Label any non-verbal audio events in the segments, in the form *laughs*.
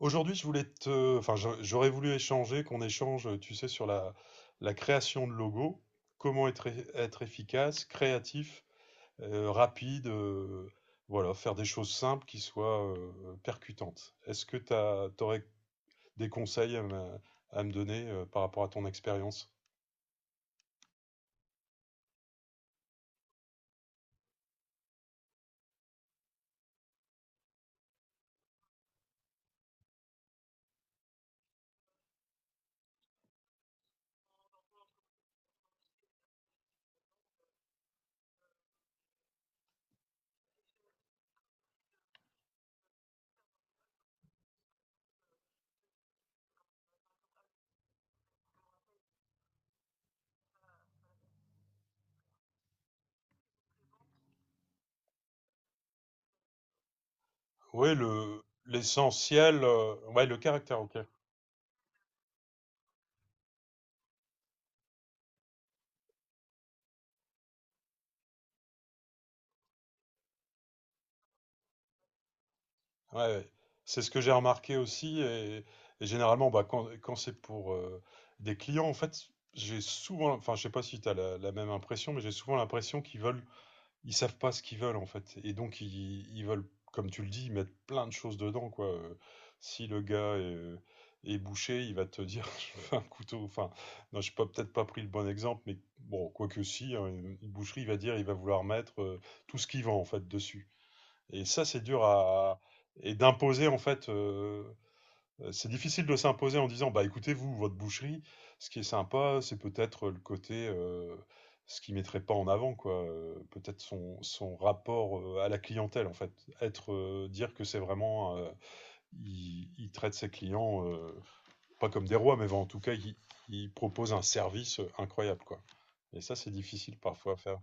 Aujourd'hui, je voulais te, enfin, j'aurais voulu échanger, qu'on échange, tu sais, sur la création de logos, comment être, être efficace, créatif, rapide, voilà, faire des choses simples qui soient percutantes. Est-ce que tu aurais des conseils à me donner par rapport à ton expérience? Oui, le, l'essentiel, ouais, le caractère, ok. Ouais, ouais. C'est ce que j'ai remarqué aussi. Et généralement, bah, quand c'est pour des clients, en fait, j'ai souvent, enfin, je sais pas si tu as la même impression, mais j'ai souvent l'impression qu'ils veulent, ils savent pas ce qu'ils veulent, en fait. Et donc, ils veulent, comme tu le dis, mettre plein de choses dedans, quoi. Si le gars est, est bouché, il va te dire, *laughs* je veux un couteau. Enfin, non, je n'ai peut-être pas pris le bon exemple, mais bon, quoique si, hein, une boucherie, il va dire, il va vouloir mettre tout ce qu'il vend, en fait, dessus. Et ça, c'est dur à. Et d'imposer, en fait, c'est difficile de s'imposer en disant, bah écoutez, vous, votre boucherie, ce qui est sympa, c'est peut-être le côté, ce qui mettrait pas en avant, quoi. Peut-être son, son rapport à la clientèle, en fait. Être, dire que c'est vraiment, il traite ses clients pas comme des rois, mais bon, en tout cas, il propose un service incroyable, quoi. Et ça, c'est difficile parfois à faire.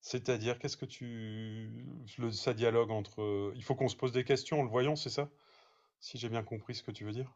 C'est-à-dire, qu'est-ce que tu le ça dialogue entre, il faut qu'on se pose des questions en le voyant, c'est ça? Si j'ai bien compris ce que tu veux dire?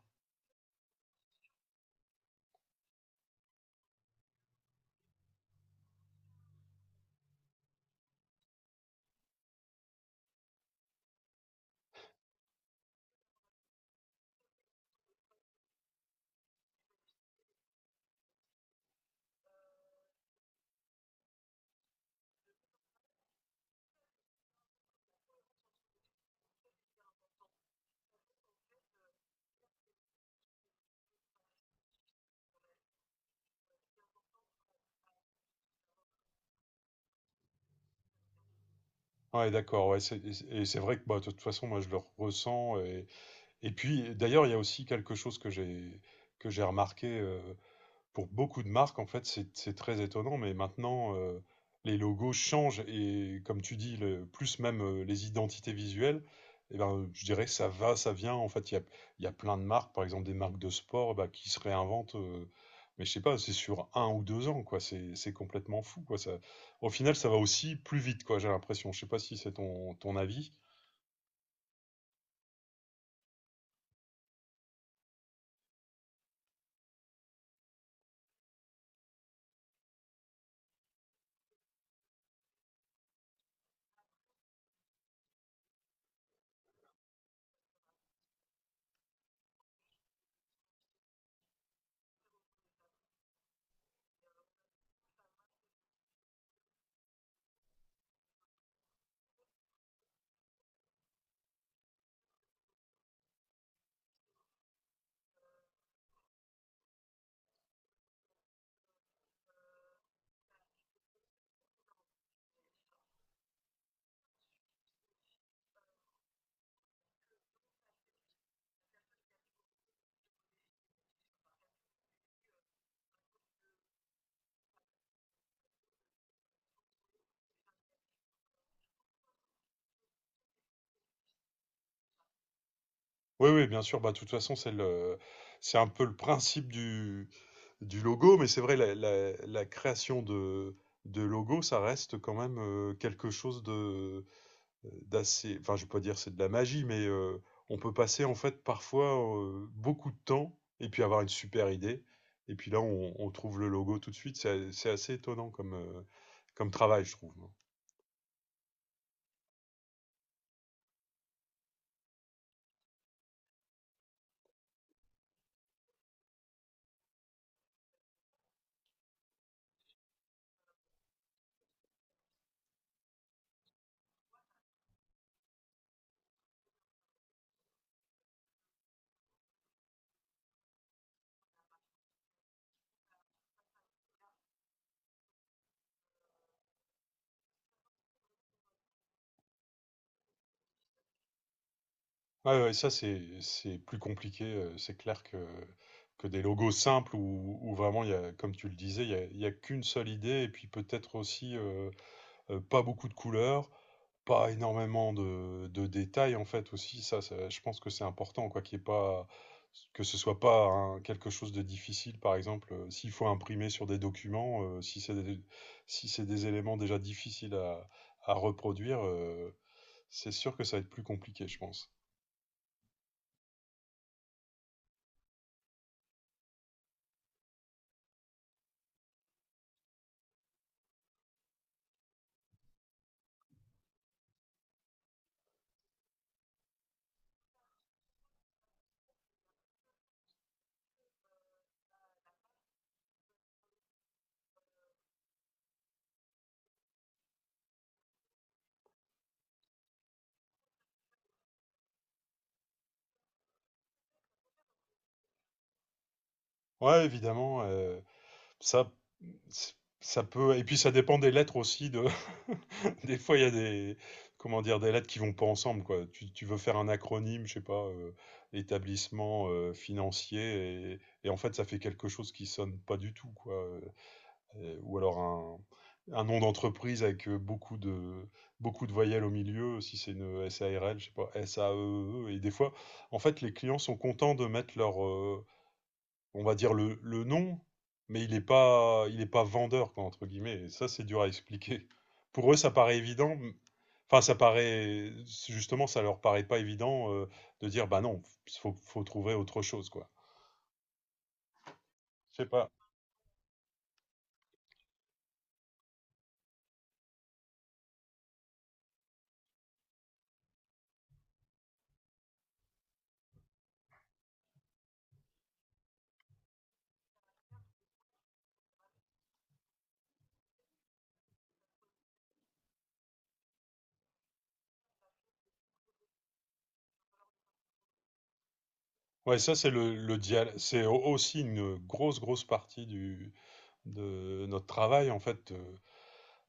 Ouais, d'accord, ouais, c'est et c'est vrai que, bah, de toute façon, moi, je le ressens et puis, d'ailleurs, il y a aussi quelque chose que j'ai remarqué, pour beaucoup de marques, en fait, c'est très étonnant, mais maintenant, les logos changent et, comme tu dis, le, plus même les identités visuelles, eh ben, je dirais que ça va, ça vient. En fait, il y a plein de marques, par exemple des marques de sport, bah, qui se réinventent, mais je sais pas, c'est sur un ou deux ans, quoi. C'est complètement fou, quoi. Ça, au final, ça va aussi plus vite, quoi, j'ai l'impression. Je sais pas si c'est ton, ton avis. Oui, oui, bien sûr. Bah, de toute façon, c'est le, c'est un peu le principe du logo, mais c'est vrai, la création de logo, ça reste quand même quelque chose de d'assez. Enfin, je ne vais pas dire c'est de la magie, mais on peut passer en fait parfois beaucoup de temps et puis avoir une super idée. Et puis là, on trouve le logo tout de suite. C'est assez étonnant comme, comme travail, je trouve. Ouais, ouais, ça c'est plus compliqué, c'est clair que des logos simples où vraiment il y a comme tu le disais, il y a qu'une seule idée et puis peut-être aussi, pas beaucoup de couleurs, pas énormément de détails en fait aussi. Ça je pense que c'est important quoi, qu'il y ait pas que ce soit pas un quelque chose de difficile par exemple, s'il faut imprimer sur des documents, si c'est des si c'est des éléments déjà difficiles à reproduire, c'est sûr que ça va être plus compliqué je pense. Ouais, évidemment, ça c ça peut et puis ça dépend des lettres aussi de *laughs* des fois il y a des comment dire? Des lettres qui vont pas ensemble quoi. Tu veux faire un acronyme, je sais pas, établissement, financier et en fait ça fait quelque chose qui sonne pas du tout quoi, et ou alors un nom d'entreprise avec, beaucoup de voyelles au milieu, si c'est une SARL, je sais pas, SAEE et des fois, en fait, les clients sont contents de mettre leur, euh, on va dire le nom, mais il est pas vendeur, quoi, entre guillemets. Et ça, c'est dur à expliquer. *laughs* Pour eux, ça paraît évident. Enfin, ça paraît, justement, ça leur paraît pas évident de dire, bah non, faut trouver autre chose, quoi. Je sais pas. Ouais, ça, c'est le, C'est aussi une grosse partie du, de notre travail, en fait.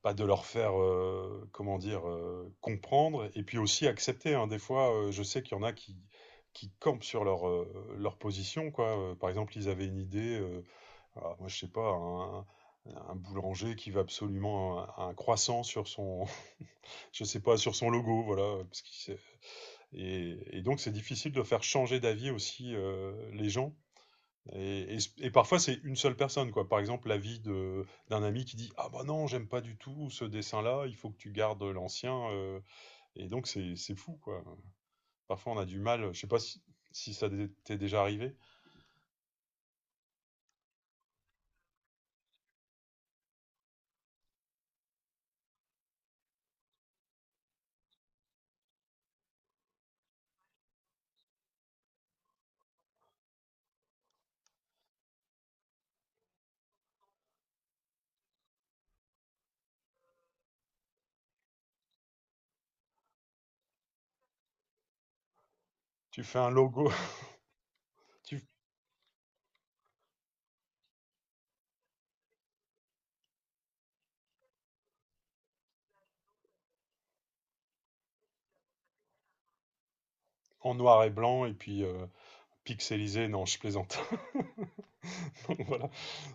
Bah, de leur faire, comment dire, comprendre et puis aussi accepter. Hein. Des fois, je sais qu'il y en a qui campent sur leur, leur position, quoi. Par exemple, ils avaient une idée, ah, moi je sais pas, un boulanger qui veut absolument un croissant sur son, *laughs* je sais pas, sur son logo, voilà. Parce et, donc c'est difficile de faire changer d'avis aussi les gens. Et, et parfois, c'est une seule personne, quoi. Par exemple, l'avis de, d'un ami qui dit, ah bah non, j'aime pas du tout ce dessin-là, il faut que tu gardes l'ancien. Et donc, c'est fou, quoi. Parfois, on a du mal, je sais pas si, si t'est déjà arrivé. Tu fais un logo *laughs* tu, en noir et blanc et puis pixelisé. Non, je plaisante. *laughs* Donc, voilà.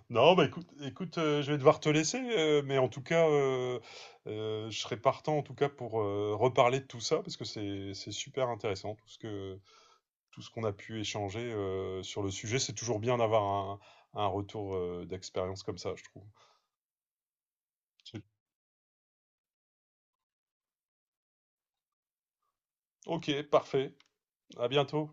Non, bah écoute, écoute je vais devoir te laisser, mais en tout cas, je serais partant en tout cas pour reparler de tout ça parce que c'est super intéressant, tout ce qu'on a pu échanger sur le sujet. C'est toujours bien d'avoir un retour d'expérience comme ça, je trouve. Ok, parfait. À bientôt.